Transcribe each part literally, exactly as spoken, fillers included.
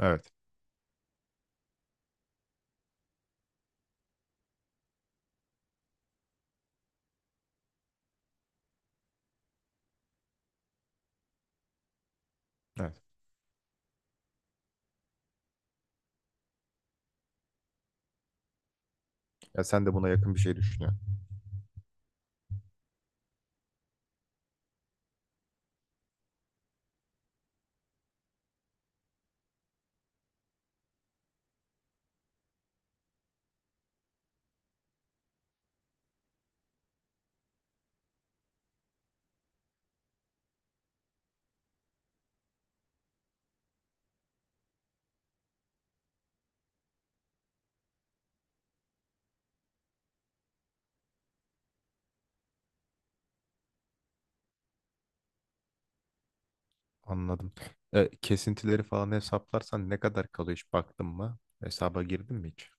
Evet. Evet. Ya sen de buna yakın bir şey düşünüyorsun. Anladım. E, kesintileri falan hesaplarsan ne kadar kalıyor hiç baktın mı? Hesaba girdin mi hiç?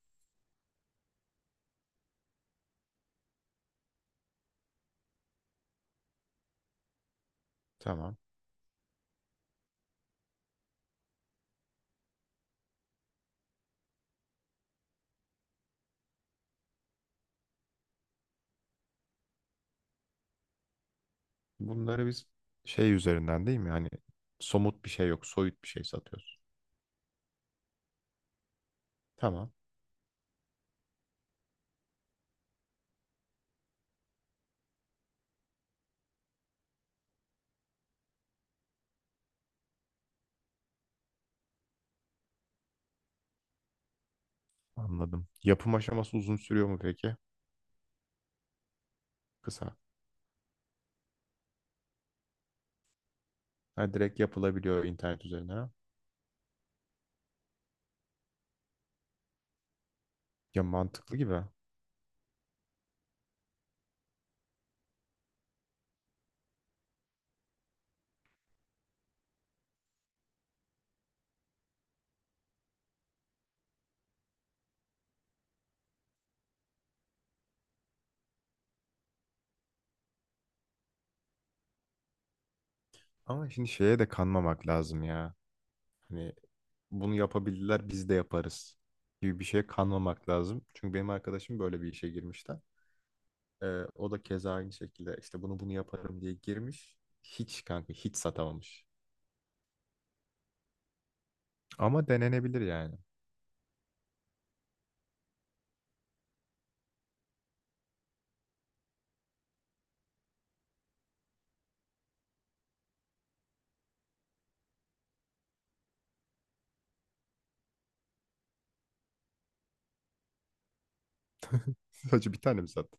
Tamam. Bunları biz şey üzerinden değil mi? Hani somut bir şey yok, soyut bir şey satıyoruz. Tamam. Anladım. Yapım aşaması uzun sürüyor mu peki? Kısa. Ha, direkt yapılabiliyor internet üzerine, ha? Ya mantıklı gibi. Ama şimdi şeye de kanmamak lazım ya. Hani bunu yapabildiler biz de yaparız gibi bir şeye kanmamak lazım. Çünkü benim arkadaşım böyle bir işe girmişti. Ee, o da keza aynı şekilde işte bunu bunu yaparım diye girmiş. Hiç kanka hiç satamamış. Ama denenebilir yani. Sadece bir tane mi sattı?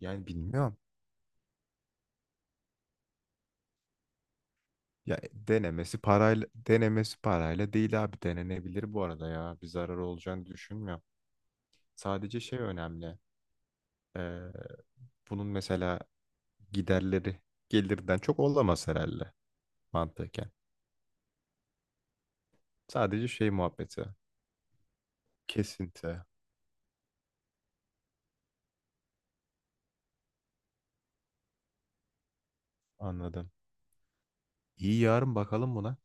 Yani bilmiyorum. Ya e, denemesi parayla denemesi parayla değil abi, denenebilir bu arada ya. Bir zarar olacağını düşünmüyorum. Sadece şey önemli. Ee, bunun mesela giderleri gelirden çok olamaz herhalde, mantıken. Sadece şey muhabbeti. Kesinti. Anladım. İyi, yarın bakalım buna.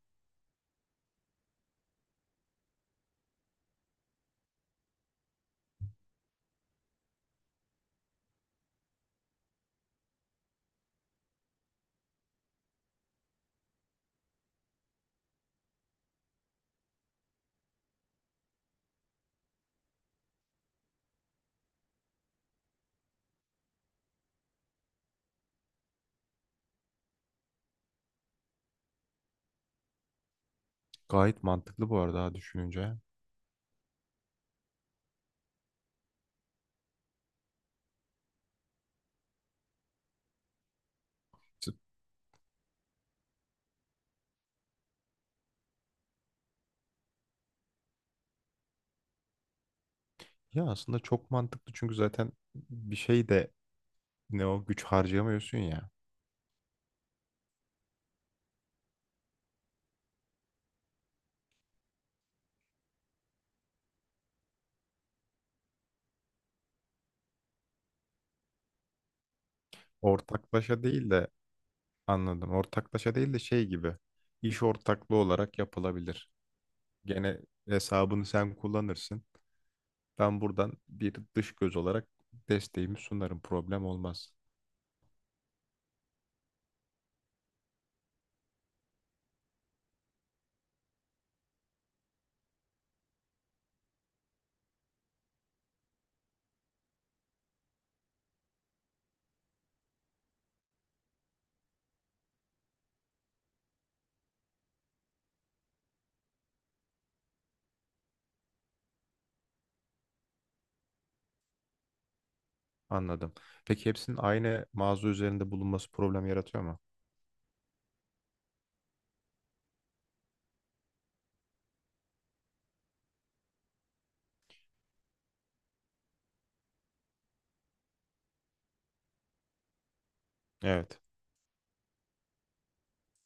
Gayet mantıklı bu arada, ha, düşününce. Ya aslında çok mantıklı çünkü zaten bir şey de ne o, güç harcayamıyorsun ya. Ortaklaşa değil de, anladım. Ortaklaşa değil de şey gibi. İş ortaklığı olarak yapılabilir. Gene hesabını sen kullanırsın. Ben buradan bir dış göz olarak desteğimi sunarım. Problem olmaz. Anladım. Peki hepsinin aynı mağaza üzerinde bulunması problem yaratıyor mu? Evet.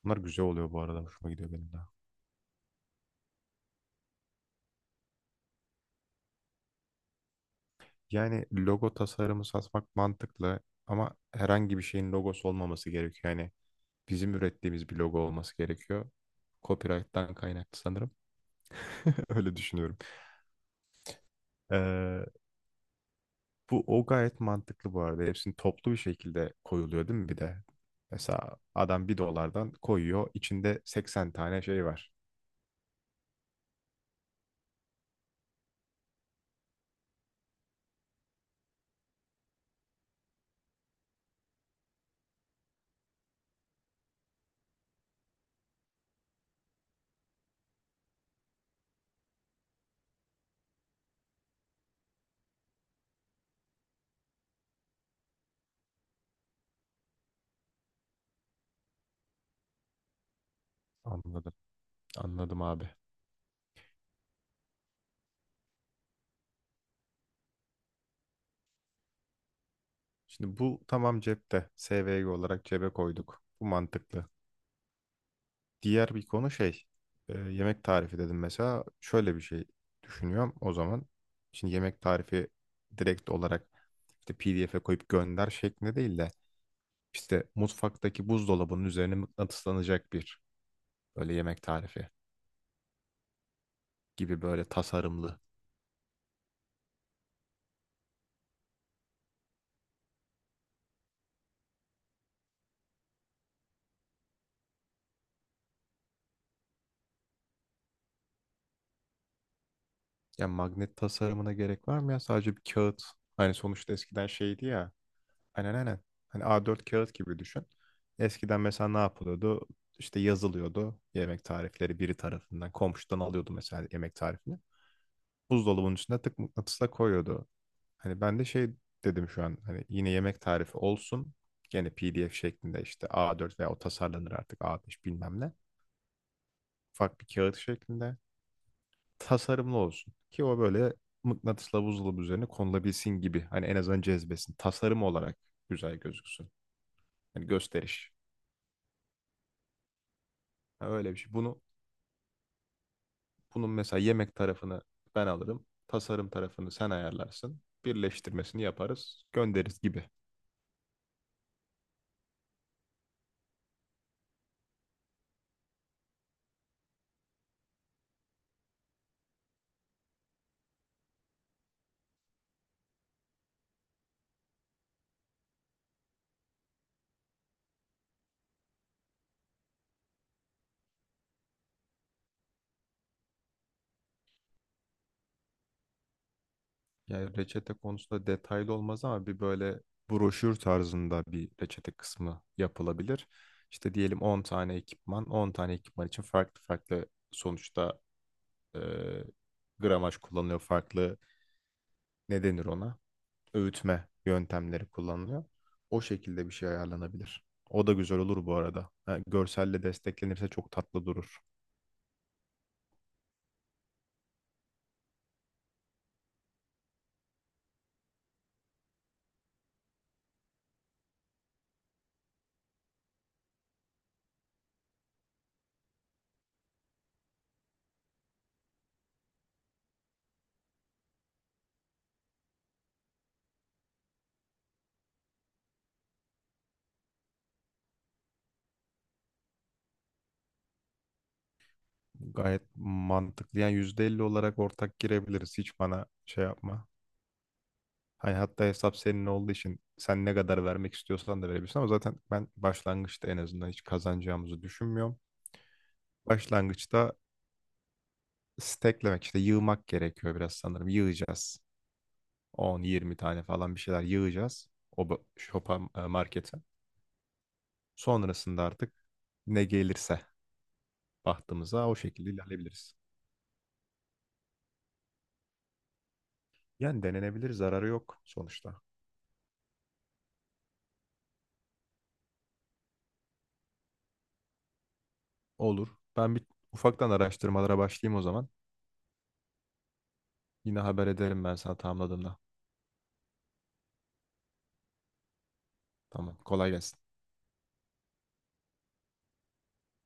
Bunlar güzel oluyor bu arada. Hoşuma gidiyor benim de. Yani logo tasarımı satmak mantıklı ama herhangi bir şeyin logosu olmaması gerekiyor. Yani bizim ürettiğimiz bir logo olması gerekiyor. Copyright'tan kaynaklı sanırım. Öyle düşünüyorum. Ee, bu o gayet mantıklı bu arada. Hepsini toplu bir şekilde koyuluyor değil mi bir de? Mesela adam bir dolardan koyuyor. İçinde seksen tane şey var. Anladım. Anladım abi. Şimdi bu tamam, cepte. S V G olarak cebe koyduk. Bu mantıklı. Diğer bir konu şey, e, yemek tarifi dedim mesela. Şöyle bir şey düşünüyorum o zaman. Şimdi yemek tarifi direkt olarak işte P D F'ye koyup gönder şeklinde değil de işte mutfaktaki buzdolabının üzerine mıknatıslanacak bir, böyle yemek tarifi gibi, böyle tasarımlı. Ya magnet tasarımına gerek var mı ya? Sadece bir kağıt. Hani sonuçta eskiden şeydi ya. Aynen aynen. Hani A dört kağıt gibi düşün. Eskiden mesela ne yapılıyordu? İşte yazılıyordu yemek tarifleri biri tarafından. Komşudan alıyordu mesela yemek tarifini. Buzdolabının içine tık, mıknatısla koyuyordu. Hani ben de şey dedim şu an, hani yine yemek tarifi olsun. Gene P D F şeklinde, işte A dört veya o tasarlanır artık A beş, bilmem ne. Ufak bir kağıt şeklinde tasarımlı olsun. Ki o böyle mıknatısla buzdolabı üzerine konulabilsin gibi. Hani en azından cezbesin. Tasarım olarak güzel gözüksün. Hani gösteriş. Ha, öyle bir şey. Bunu bunun mesela yemek tarafını ben alırım. Tasarım tarafını sen ayarlarsın. Birleştirmesini yaparız, göndeririz gibi. Yani reçete konusunda detaylı olmaz ama bir böyle broşür tarzında bir reçete kısmı yapılabilir. İşte diyelim on tane ekipman, on tane ekipman için farklı farklı, sonuçta e, gramaj kullanılıyor, farklı, ne denir ona, öğütme yöntemleri kullanılıyor. O şekilde bir şey ayarlanabilir. O da güzel olur bu arada. Ha, görselle desteklenirse çok tatlı durur. Gayet mantıklı. Yani yüzde elli olarak ortak girebiliriz. Hiç bana şey yapma. Hani hatta hesap senin olduğu için sen ne kadar vermek istiyorsan da verebilirsin ama zaten ben başlangıçta en azından hiç kazanacağımızı düşünmüyorum. Başlangıçta steklemek, işte yığmak gerekiyor biraz sanırım. Yığacağız. On, yirmi tane falan bir şeyler yığacağız. O bu- shop'a, e, markete. Sonrasında artık ne gelirse bahtımıza, o şekilde ilerleyebiliriz. Yani denenebilir, zararı yok sonuçta. Olur. Ben bir ufaktan araştırmalara başlayayım o zaman. Yine haber ederim ben sana tamamladığımda. Tamam, kolay gelsin.